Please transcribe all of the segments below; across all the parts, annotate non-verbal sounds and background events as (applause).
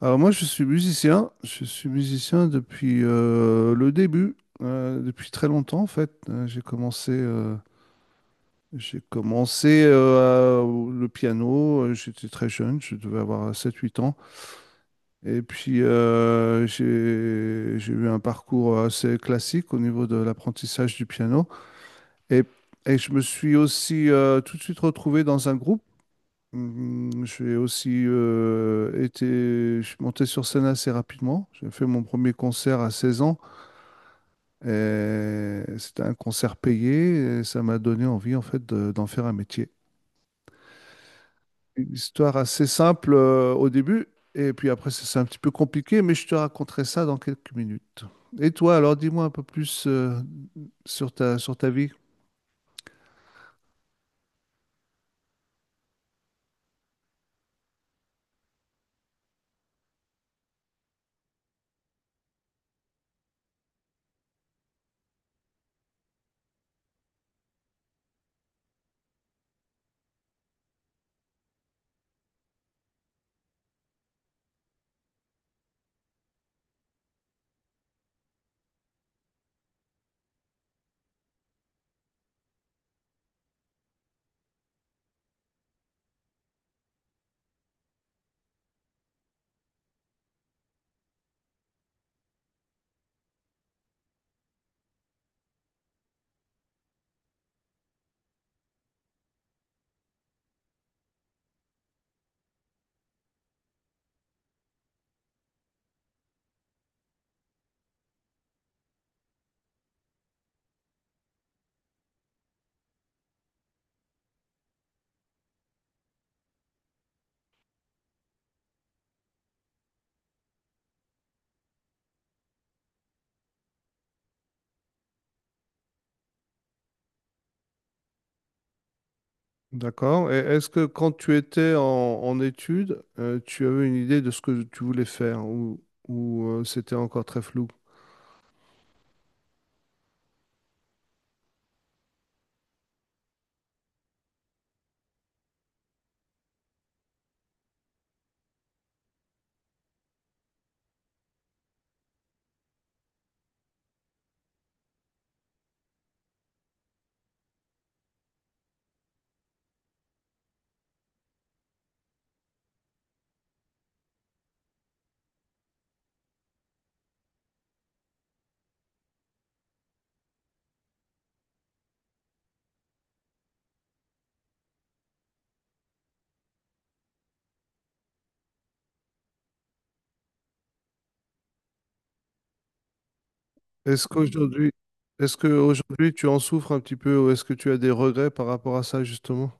Alors moi, je suis musicien. Je suis musicien depuis le début, depuis très longtemps en fait. J'ai commencé le piano. J'étais très jeune, je devais avoir sept huit ans. Et puis j'ai eu un parcours assez classique au niveau de l'apprentissage du piano. Et, et je me suis aussi tout de suite retrouvé dans un groupe. J'ai aussi été, je suis monté sur scène assez rapidement. J'ai fait mon premier concert à 16 ans, et c'était un concert payé, et ça m'a donné envie en fait d'en faire un métier. Une histoire assez simple au début, et puis après c'est un petit peu compliqué, mais je te raconterai ça dans quelques minutes. Et toi alors, dis-moi un peu plus sur ta vie. D'accord. Et est-ce que, quand tu étais en études, tu avais une idée de ce que tu voulais faire, ou c'était encore très flou? Est-ce qu'aujourd'hui, est-ce que aujourd'hui tu en souffres un petit peu, ou est-ce que tu as des regrets par rapport à ça justement?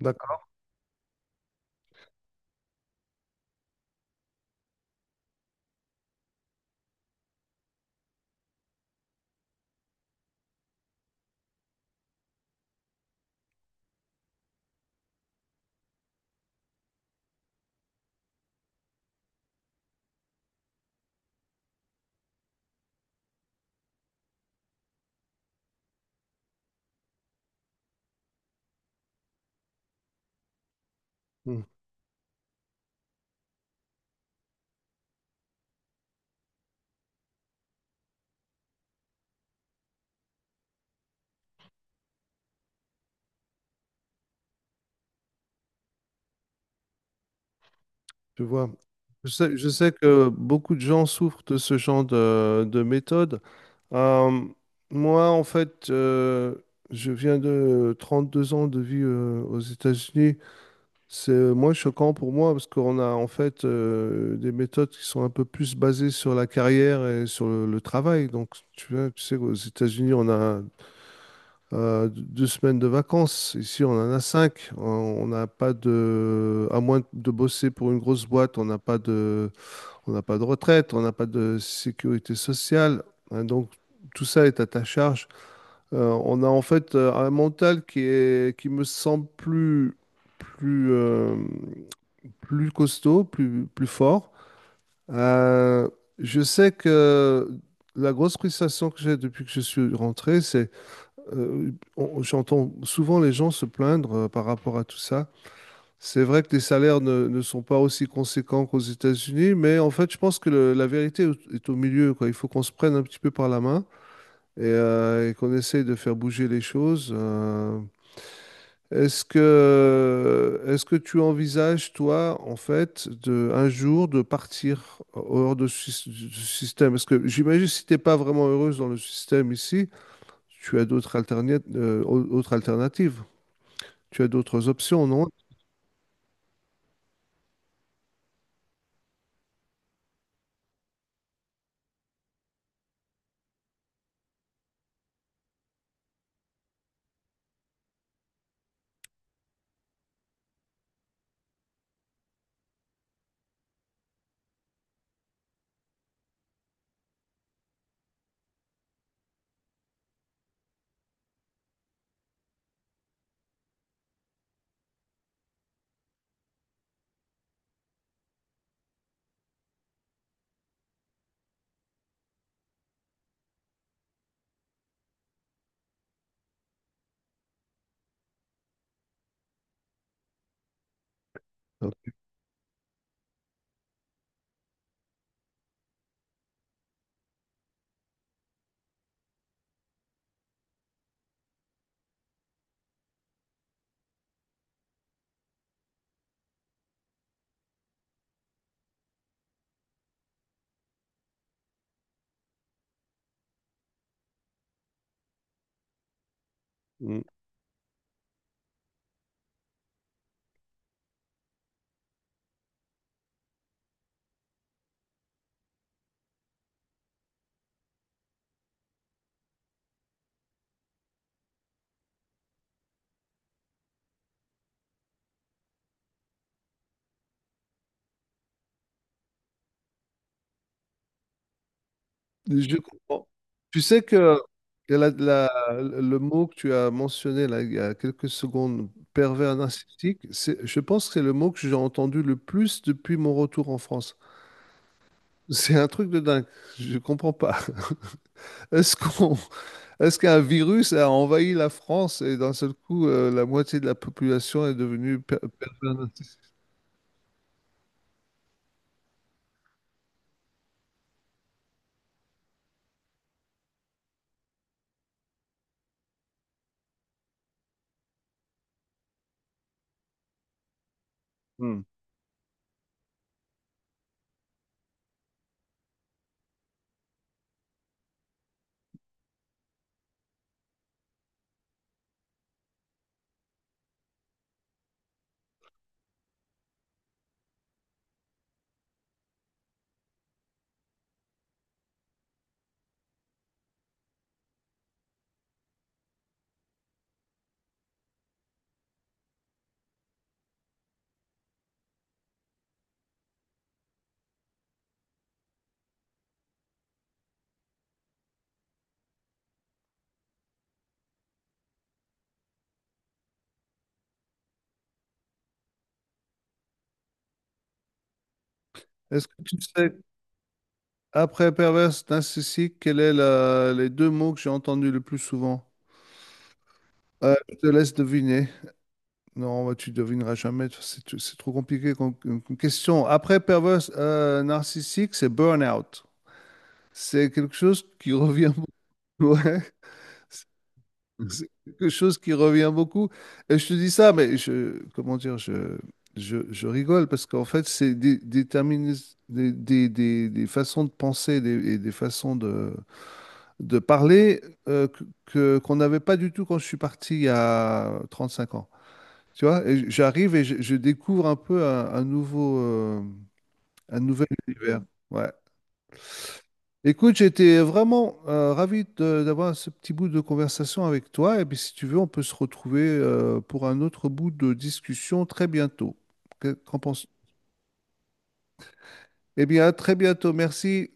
D'accord. Mhm. Tu vois, je sais que beaucoup de gens souffrent de ce genre de méthode. Euh, Moi, en fait, je viens de 32 ans de vie aux États-Unis. C'est moins choquant pour moi, parce qu'on a en fait des méthodes qui sont un peu plus basées sur la carrière et sur le travail. Donc, tu vois, tu sais qu'aux États-Unis, on a 2 semaines de vacances. Ici, on en a cinq. On n'a pas de, à moins de bosser pour une grosse boîte, on n'a pas de retraite, on n'a pas de sécurité sociale. Hein, donc, tout ça est à ta charge. On a en fait un mental qui est, qui me semble plus, euh, plus costaud, plus fort. Euh, je sais que la grosse frustration que j'ai depuis que je suis rentré, c'est euh, j'entends souvent les gens se plaindre par rapport à tout ça. C'est vrai que les salaires ne sont pas aussi conséquents qu'aux États-Unis, mais en fait, je pense que la vérité est au milieu, quoi. Il faut qu'on se prenne un petit peu par la main et qu'on essaye de faire bouger les choses. Est-ce que tu envisages, toi, en fait, un jour de partir hors de du système? Parce que j'imagine, si tu n'es pas vraiment heureuse dans le système ici, tu as d'autres alterna- au- autres alternatives, tu as d'autres options, non? Mm. Je comprends. Tu sais que le mot que tu as mentionné là, il y a quelques secondes, pervers narcissique, c'est, je pense que c'est le mot que j'ai entendu le plus depuis mon retour en France. (laughs) C'est un truc de dingue. Je comprends pas. (laughs) Est-ce qu'on, est-ce qu'un virus a envahi la France, et d'un seul coup, la moitié de la population est devenue pervers narcissique? Hmm. Est-ce que tu sais, après pervers narcissique, quels sont les deux mots que j'ai entendus le plus souvent? Je te laisse deviner. Non, bah, tu devineras jamais. C'est c'est trop compliqué comme, question. Après perverse narcissique, c'est burn-out. C'est quelque chose qui revient (laughs) beaucoup. Ouais. Mhm. C'est quelque chose qui revient beaucoup. Et je te dis ça, mais je, comment dire, je rigole parce qu'en fait, c'est des façons de penser et des façons de parler qu'on n'avait pas du tout quand je suis parti il y a 35 ans. Tu vois, et j'arrive et je découvre un peu un nouvel univers. Ouais. Écoute, j'étais vraiment ravi d'avoir ce petit bout de conversation avec toi. Et puis, si tu veux, on peut se retrouver pour un autre bout de discussion très bientôt. Qu'en penses-tu? Eh bien, à très bientôt. Merci.